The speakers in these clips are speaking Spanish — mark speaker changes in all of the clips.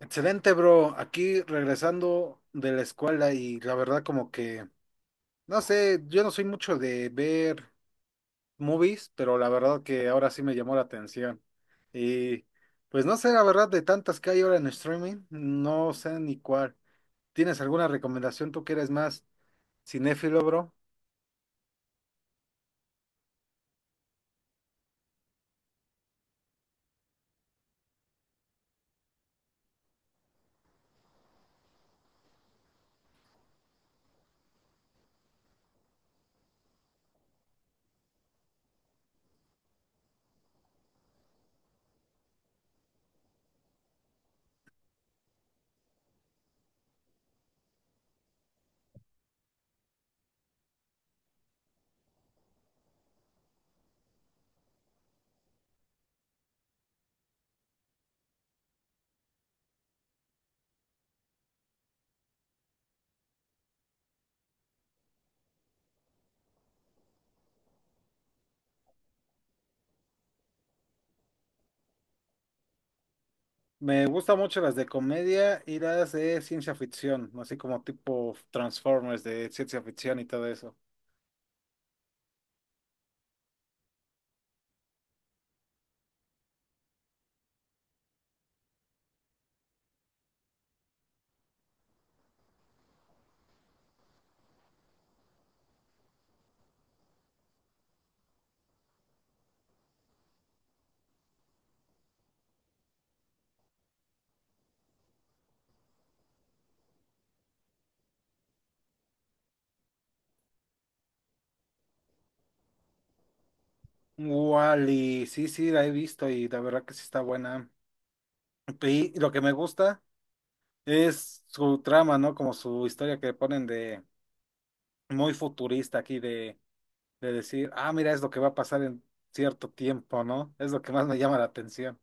Speaker 1: Excelente, bro. Aquí regresando de la escuela y la verdad como que, no sé, yo no soy mucho de ver movies, pero la verdad que ahora sí me llamó la atención. Y pues no sé, la verdad de tantas que hay ahora en streaming, no sé ni cuál. ¿Tienes alguna recomendación tú que eres más cinéfilo, bro? Me gustan mucho las de comedia y las de ciencia ficción, así como tipo Transformers de ciencia ficción y todo eso. Wally, sí, sí, la he visto y la verdad que sí está buena. Y lo que me gusta es su trama, ¿no? Como su historia que ponen de muy futurista aquí, de decir, ah, mira, es lo que va a pasar en cierto tiempo, ¿no? Es lo que más me llama la atención.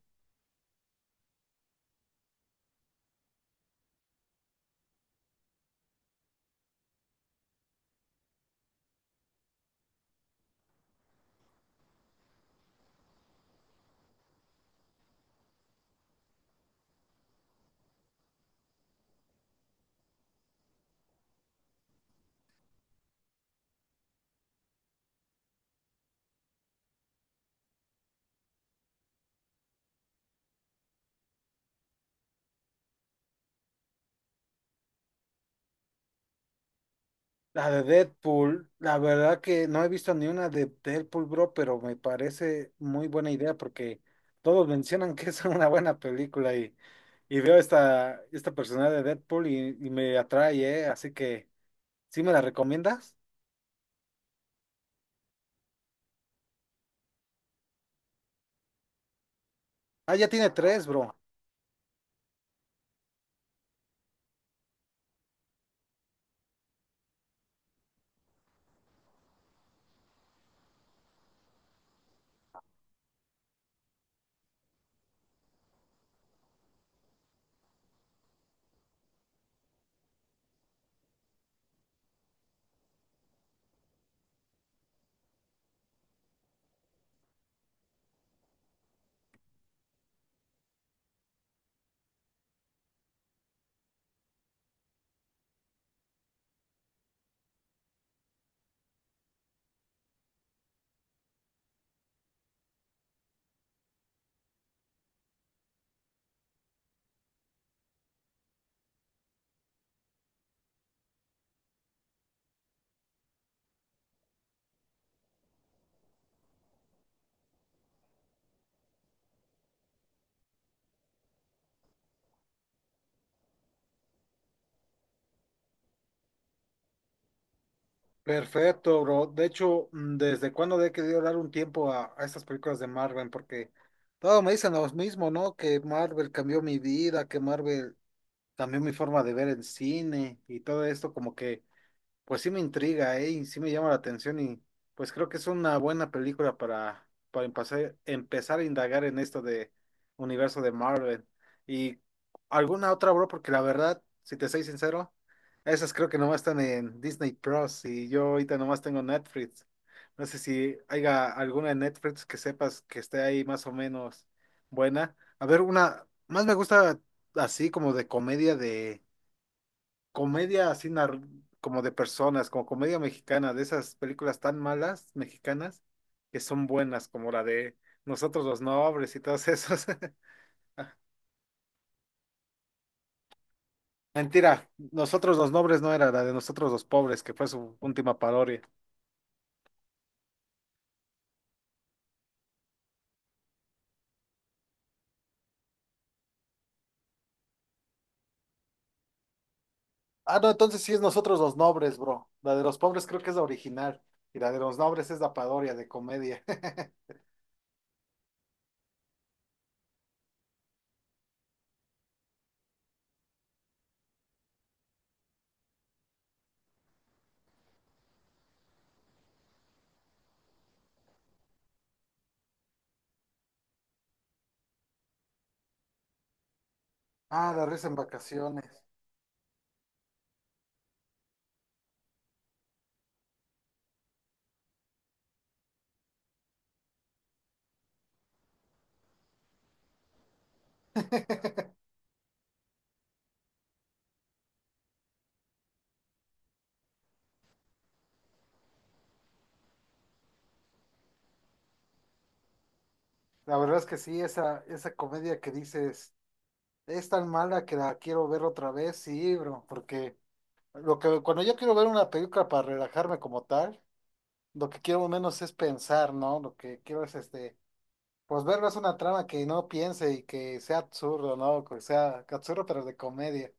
Speaker 1: La de Deadpool, la verdad que no he visto ni una de Deadpool, bro, pero me parece muy buena idea porque todos mencionan que es una buena película y veo esta personalidad de Deadpool y me atrae, ¿eh? Así que ¿sí me la recomiendas? Ah, ya tiene tres, bro. Perfecto, bro. De hecho, ¿desde cuándo le he querido dar un tiempo a estas películas de Marvel? Porque todos me dicen lo mismo, ¿no? Que Marvel cambió mi vida, que Marvel cambió mi forma de ver el cine y todo esto, como que pues sí me intriga, ¿eh? Y sí me llama la atención y pues creo que es una buena película para empezar, empezar a indagar en esto de universo de Marvel. Y alguna otra, bro, porque la verdad, si te soy sincero, esas creo que nomás están en Disney Plus y yo ahorita nomás tengo Netflix. No sé si haya alguna en Netflix que sepas que esté ahí más o menos buena. A ver, una, más me gusta así como de comedia como de personas, como comedia mexicana, de esas películas tan malas mexicanas que son buenas, como la de Nosotros los Nobles y todas esas. Mentira, Nosotros los Nobles no era la de Nosotros los Pobres, que fue su última parodia. Ah, no, entonces sí es Nosotros los Nobles, bro. La de los pobres creo que es la original y la de los nobles es la parodia de comedia. Ah, la risa en vacaciones. La verdad es que sí, esa comedia que dices. Es tan mala que la quiero ver otra vez, sí, bro, porque lo que cuando yo quiero ver una película para relajarme como tal, lo que quiero menos es pensar, ¿no? Lo que quiero es este, pues verlo es una trama que no piense y que sea absurdo, ¿no? Que sea absurdo pero de comedia.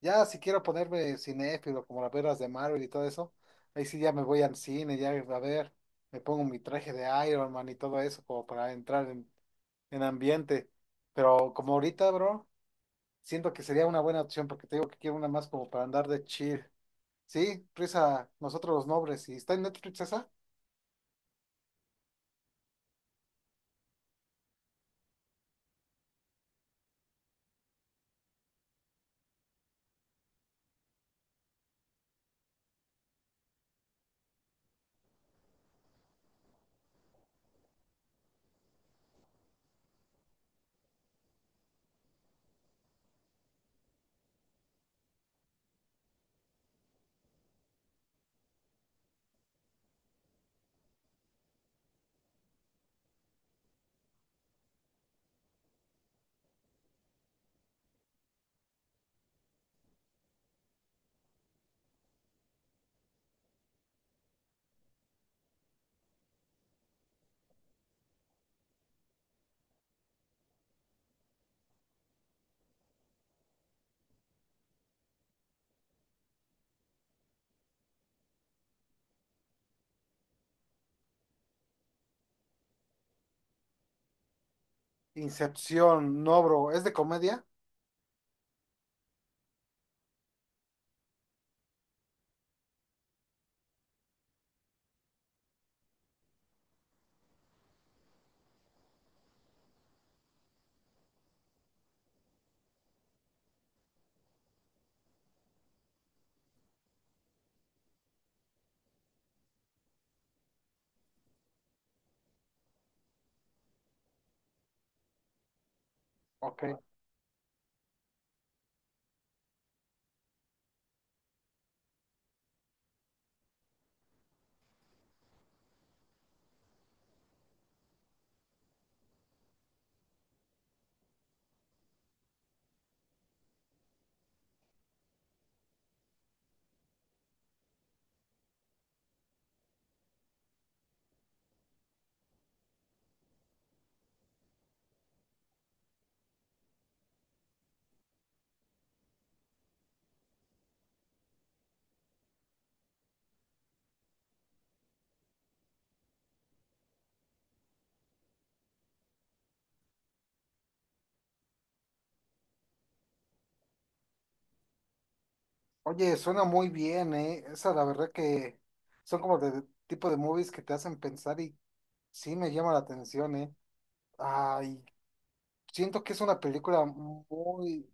Speaker 1: Ya si quiero ponerme cinéfilo como las veras de Marvel y todo eso, ahí sí ya me voy al cine, ya a ver, me pongo mi traje de Iron Man y todo eso como para entrar en ambiente. Pero como ahorita, bro. Siento que sería una buena opción porque te digo que quiero una más como para andar de chill. Sí, risa, nosotros los nobles. ¿Y está en Netflix esa? Incepción, no, bro. ¿Es de comedia? Ok. Oye, suena muy bien, ¿eh? Esa, la verdad que son como de tipo de movies que te hacen pensar y sí me llama la atención, ¿eh? Ay, siento que es una película muy,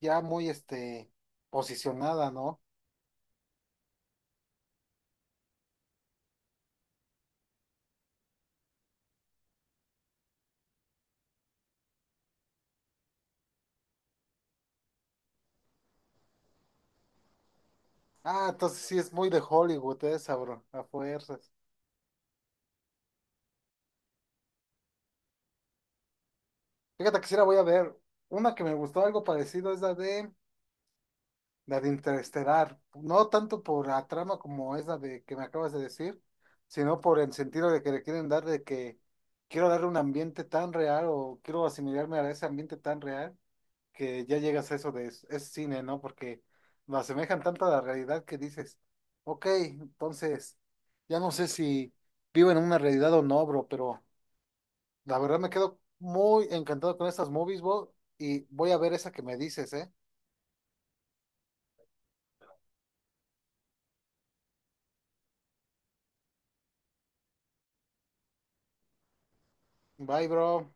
Speaker 1: ya muy, este, posicionada, ¿no? Ah, entonces sí es muy de Hollywood esa, bro, a fuerzas. Fíjate que sí la voy a ver. Una que me gustó algo parecido es la de Interestelar. No tanto por la trama como es la de que me acabas de decir, sino por el sentido de que le quieren dar de que quiero darle un ambiente tan real o quiero asimilarme a ese ambiente tan real que ya llegas a eso de es cine, ¿no? Porque lo asemejan tanto a la realidad que dices, ok, entonces ya no sé si vivo en una realidad o no, bro, pero la verdad me quedo muy encantado con estas movies, bro, y voy a ver esa que me dices, ¿eh? Bye, bro.